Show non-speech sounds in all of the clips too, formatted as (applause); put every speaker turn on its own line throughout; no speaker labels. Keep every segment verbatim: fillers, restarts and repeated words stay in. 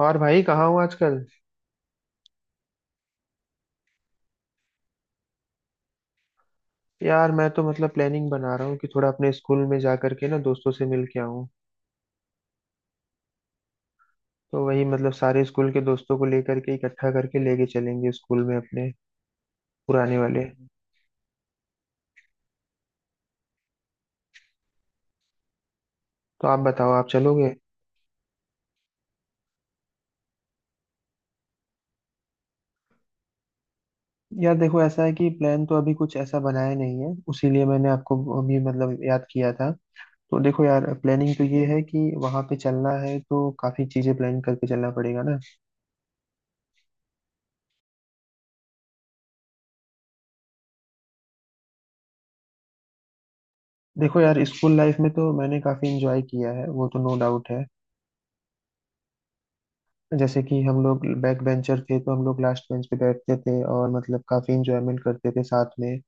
और भाई कहाँ हूँ आजकल। यार मैं तो मतलब प्लानिंग बना रहा हूँ कि थोड़ा अपने स्कूल में जा करके ना दोस्तों से मिल के आऊँ। तो वही मतलब सारे स्कूल के दोस्तों को लेकर के इकट्ठा करके लेके चलेंगे स्कूल में अपने पुराने वाले। तो आप बताओ, आप चलोगे? यार देखो, ऐसा है कि प्लान तो अभी कुछ ऐसा बनाया नहीं है, उसीलिए मैंने आपको अभी मतलब याद किया था। तो देखो यार, प्लानिंग तो ये है कि वहाँ पे चलना है तो काफ़ी चीज़ें प्लान करके चलना पड़ेगा ना। देखो यार, स्कूल लाइफ में तो मैंने काफ़ी इंजॉय किया है, वो तो नो डाउट है। जैसे कि हम लोग बैक बेंचर थे तो हम लोग लास्ट बेंच पे बैठते थे और मतलब काफी इंजॉयमेंट करते थे साथ में।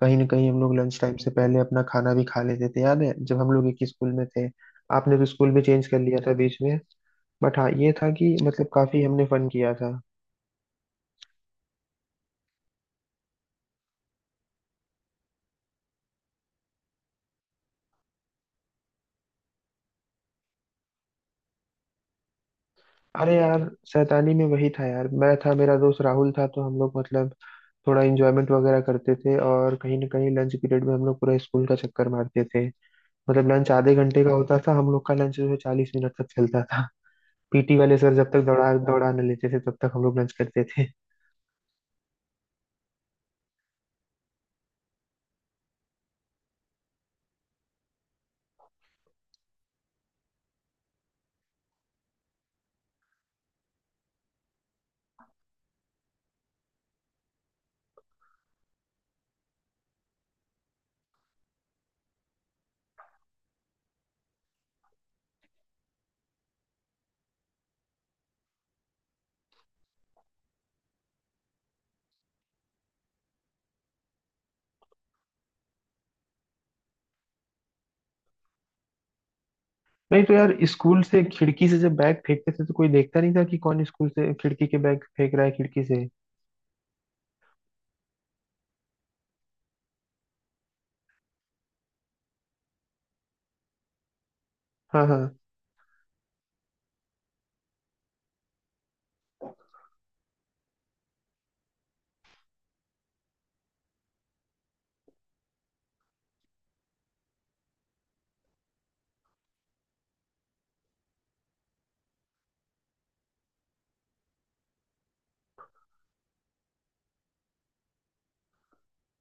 कहीं ना कहीं हम लोग लंच टाइम से पहले अपना खाना भी खा लेते थे, याद है जब हम लोग एक ही स्कूल में थे। आपने तो स्कूल भी चेंज कर लिया था बीच में। बट हाँ, ये था कि मतलब काफी हमने फन किया था। अरे यार, शैतानी में वही था यार, मैं था, मेरा दोस्त राहुल था, तो हम लोग मतलब थोड़ा इंजॉयमेंट वगैरह करते थे और कहीं ना कहीं लंच पीरियड में हम लोग पूरा स्कूल का चक्कर मारते थे। मतलब लंच आधे घंटे का होता था, हम लोग का लंच जो है चालीस मिनट तक चलता था। पीटी वाले सर जब तक दौड़ा दौड़ाने लेते थे तब तक हम लोग लंच करते थे। नहीं तो यार, स्कूल से खिड़की से जब बैग फेंकते थे तो कोई देखता नहीं था कि कौन स्कूल से खिड़की के बैग फेंक रहा है खिड़की से। हाँ हाँ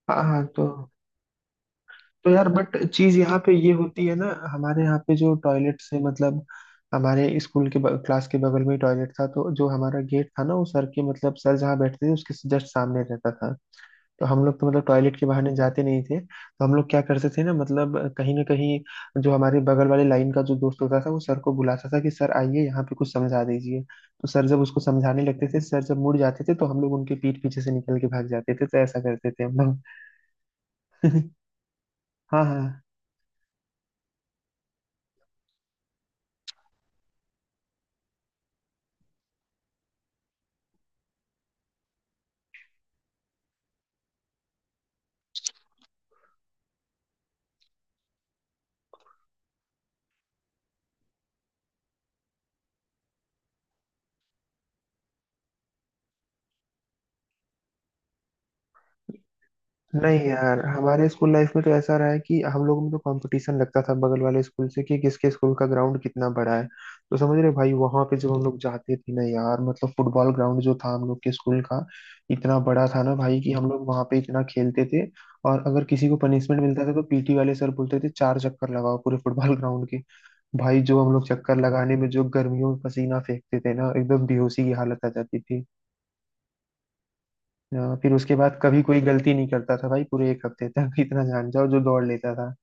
हाँ हाँ। तो तो यार, बट चीज यहाँ पे ये होती है ना, हमारे यहाँ पे जो टॉयलेट से मतलब हमारे स्कूल के ब- क्लास के बगल में ही टॉयलेट था, तो जो हमारा गेट था ना वो सर के मतलब सर जहाँ बैठते थे उसके जस्ट सामने रहता था। तो हम लोग तो मतलब टॉयलेट के बहाने जाते नहीं थे, तो हम लोग क्या करते थे ना मतलब कहीं ना कहीं जो हमारे बगल वाले लाइन का जो दोस्त होता था वो सर को बुलाता था कि सर आइए यहाँ पे कुछ समझा दीजिए, तो सर जब उसको समझाने लगते थे, सर जब मुड़ जाते थे तो हम लोग उनके पीठ पीछे से निकल के भाग जाते थे। तो ऐसा करते थे हम लोग। (laughs) हाँ हाँ। नहीं यार, हमारे स्कूल लाइफ में तो ऐसा रहा है कि हम लोगों में तो कंपटीशन लगता था बगल वाले स्कूल से कि किसके स्कूल का ग्राउंड कितना बड़ा है। तो समझ रहे हो भाई, वहां पे जब हम लोग जाते थे ना यार, मतलब फुटबॉल ग्राउंड जो था हम लोग के स्कूल का, इतना बड़ा था ना भाई कि हम लोग वहां पे इतना खेलते थे। और अगर किसी को पनिशमेंट मिलता था तो पीटी वाले सर बोलते थे चार चक्कर लगाओ पूरे फुटबॉल ग्राउंड के। भाई जो हम लोग चक्कर लगाने में जो गर्मियों में पसीना फेंकते थे ना, एकदम बेहोशी की हालत आ जाती थी। अ, फिर उसके बाद कभी कोई गलती नहीं करता था भाई पूरे एक हफ्ते तक। (laughs) इतना जान जाओ जो दौड़ लेता था।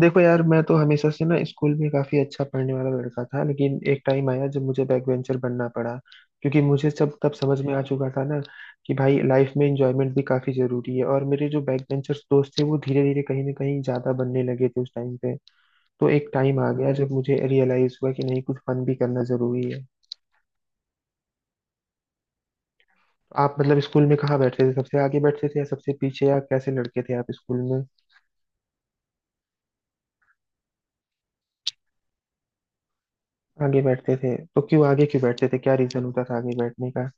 देखो यार, मैं तो हमेशा से ना स्कूल में काफी अच्छा पढ़ने वाला लड़का था, लेकिन एक टाइम आया जब मुझे बैक बेंचर बनना पड़ा, क्योंकि मुझे सब तब समझ में आ चुका था ना कि भाई लाइफ में एंजॉयमेंट भी काफी जरूरी है, और मेरे जो बैक बेंचर्स दोस्त थे वो धीरे धीरे कहीं ना कहीं ज्यादा बनने लगे थे उस टाइम पे। तो एक टाइम आ गया जब मुझे रियलाइज हुआ कि नहीं, कुछ फन भी करना जरूरी है। आप मतलब स्कूल में कहाँ बैठते थे, सबसे आगे बैठते थे या सबसे पीछे, या कैसे लड़के थे आप स्कूल में? आगे बैठते थे तो क्यों, आगे क्यों बैठते थे, क्या रीजन होता था आगे बैठने का?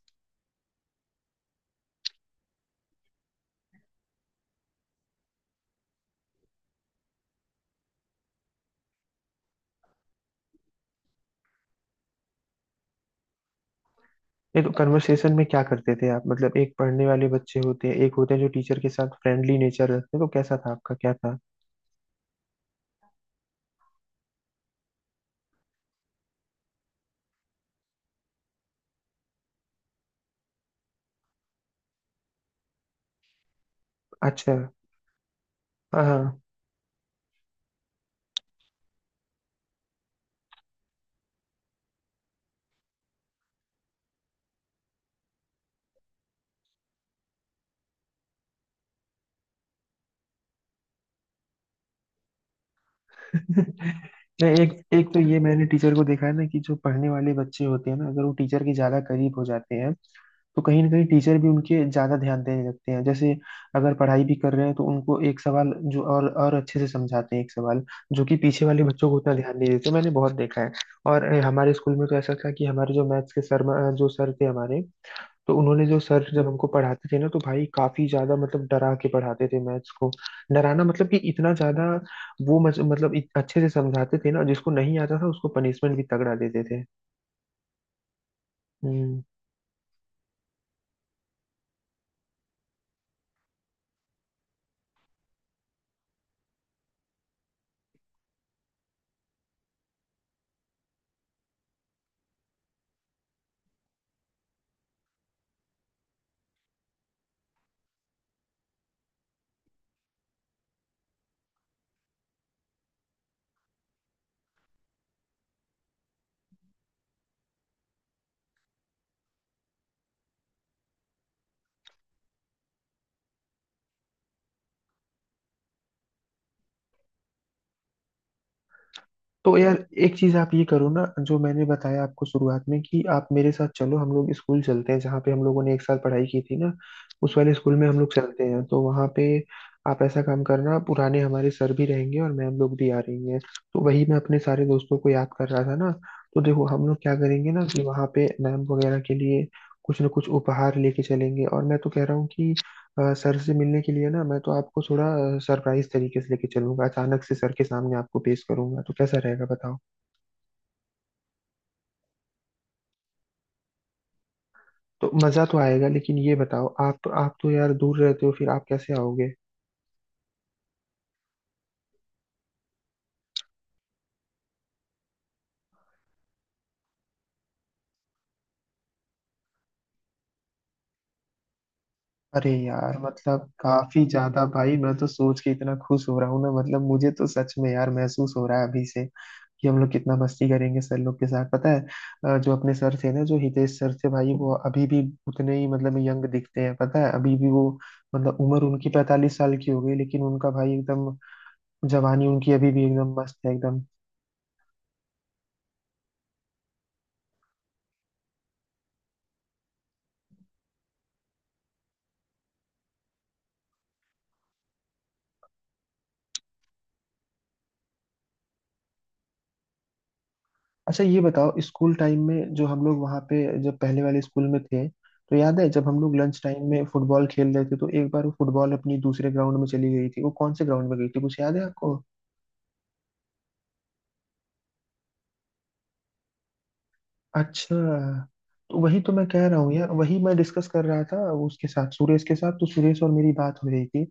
ये तो कन्वर्सेशन में क्या करते थे आप, मतलब एक पढ़ने वाले बच्चे होते हैं, एक होते हैं जो टीचर के साथ फ्रेंडली नेचर रखते हैं, तो कैसा था आपका, क्या था? अच्छा। हाँ हाँ। (laughs) नहीं, एक एक तो ये मैंने टीचर को देखा है ना कि जो पढ़ने वाले बच्चे होते हैं ना, अगर वो टीचर के ज्यादा करीब हो जाते हैं तो कहीं ना कहीं टीचर भी उनके ज्यादा ध्यान देने लगते हैं। जैसे अगर पढ़ाई भी कर रहे हैं तो उनको एक सवाल जो और और अच्छे से समझाते हैं, एक सवाल जो कि पीछे वाले बच्चों को उतना ध्यान नहीं देते, मैंने बहुत देखा है। और अ, हमारे स्कूल में तो ऐसा था कि हमारे जो मैथ्स के सर, अ, जो सर थे हमारे, तो उन्होंने जो सर जब हमको पढ़ाते थे ना तो भाई काफी ज्यादा मतलब डरा के पढ़ाते थे मैथ्स को। डराना मतलब कि इतना ज्यादा वो मज- मतलब इत- अच्छे से समझाते थे ना, जिसको नहीं आता था उसको पनिशमेंट भी तगड़ा देते थे। हम्म। तो यार एक चीज आप ये करो ना, जो मैंने बताया आपको शुरुआत में कि आप मेरे साथ चलो, हम लोग स्कूल चलते हैं जहाँ पे हम लोगों ने एक साथ पढ़ाई की थी ना, उस वाले स्कूल में हम लोग चलते हैं। तो वहाँ पे आप ऐसा काम करना, पुराने हमारे सर भी रहेंगे और मैम लोग भी आ रही हैं। तो वही मैं अपने सारे दोस्तों को याद कर रहा था ना। तो देखो, हम लोग क्या करेंगे ना कि वहाँ पे मैम वगैरह के लिए कुछ ना कुछ उपहार लेके चलेंगे, और मैं तो कह रहा हूँ कि अ, सर से मिलने के लिए ना मैं तो आपको थोड़ा सरप्राइज तरीके से लेके चलूंगा, अचानक से सर के सामने आपको पेश करूंगा, तो कैसा रहेगा बताओ? तो मजा तो आएगा, लेकिन ये बताओ, आप आप तो यार दूर रहते हो, फिर आप कैसे आओगे? अरे यार मतलब काफी ज्यादा भाई, मैं तो सोच के इतना खुश हो रहा हूँ ना, मतलब मुझे तो सच में यार महसूस हो रहा है अभी से कि हम लोग कितना मस्ती करेंगे सर लोग के साथ। पता है, अ, जो अपने सर थे ना, जो हितेश सर थे भाई, वो अभी भी उतने ही मतलब यंग दिखते हैं, पता है अभी भी वो, मतलब उम्र उनकी पैंतालीस साल की हो गई लेकिन उनका भाई एकदम जवानी उनकी अभी भी एकदम मस्त है एकदम। अच्छा ये बताओ, स्कूल टाइम में जो हम लोग वहाँ पे, जब पहले वाले स्कूल में थे, तो याद है जब हम लोग लंच टाइम में फुटबॉल खेल रहे थे तो एक बार वो फुटबॉल अपनी दूसरे ग्राउंड में चली गई थी, वो कौन से ग्राउंड में गई थी, कुछ याद है आपको? अच्छा। तो वही तो मैं कह रहा हूँ यार, वही मैं डिस्कस कर रहा था उसके साथ, सुरेश के साथ, तो सुरेश और मेरी बात हो रही थी।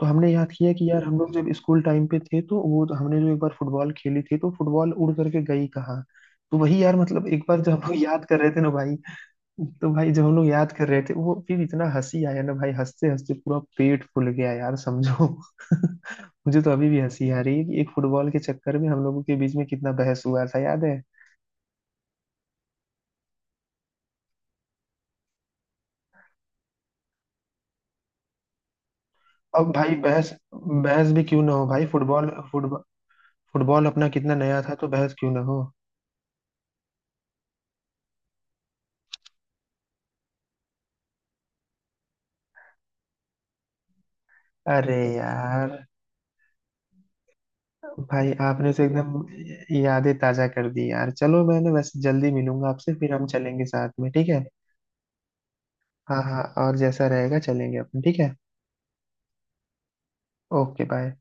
तो हमने याद किया कि यार हम लोग जब स्कूल टाइम पे थे तो वो, तो हमने जो एक बार फुटबॉल खेली थी तो फुटबॉल उड़ करके गई कहाँ। तो वही यार मतलब एक बार जब हम लोग याद कर रहे थे ना भाई, तो भाई जब हम लोग याद कर रहे थे वो, फिर इतना हंसी आया ना भाई, हंसते हंसते पूरा पेट फूल गया यार, समझो। (laughs) मुझे तो अभी भी हंसी आ रही है कि एक फुटबॉल के चक्कर में हम लोगों के बीच में कितना बहस हुआ था, याद है? अब भाई बहस बहस भी क्यों ना हो भाई, फुटबॉल फुटबॉल फुटबॉल अपना कितना नया था तो बहस क्यों ना हो। अरे यार भाई, आपने तो एकदम यादें ताजा कर दी यार। चलो, मैं ना वैसे जल्दी मिलूंगा आपसे, फिर हम चलेंगे साथ में, ठीक है? हाँ हाँ, और जैसा रहेगा चलेंगे अपन, ठीक है। Okay bye.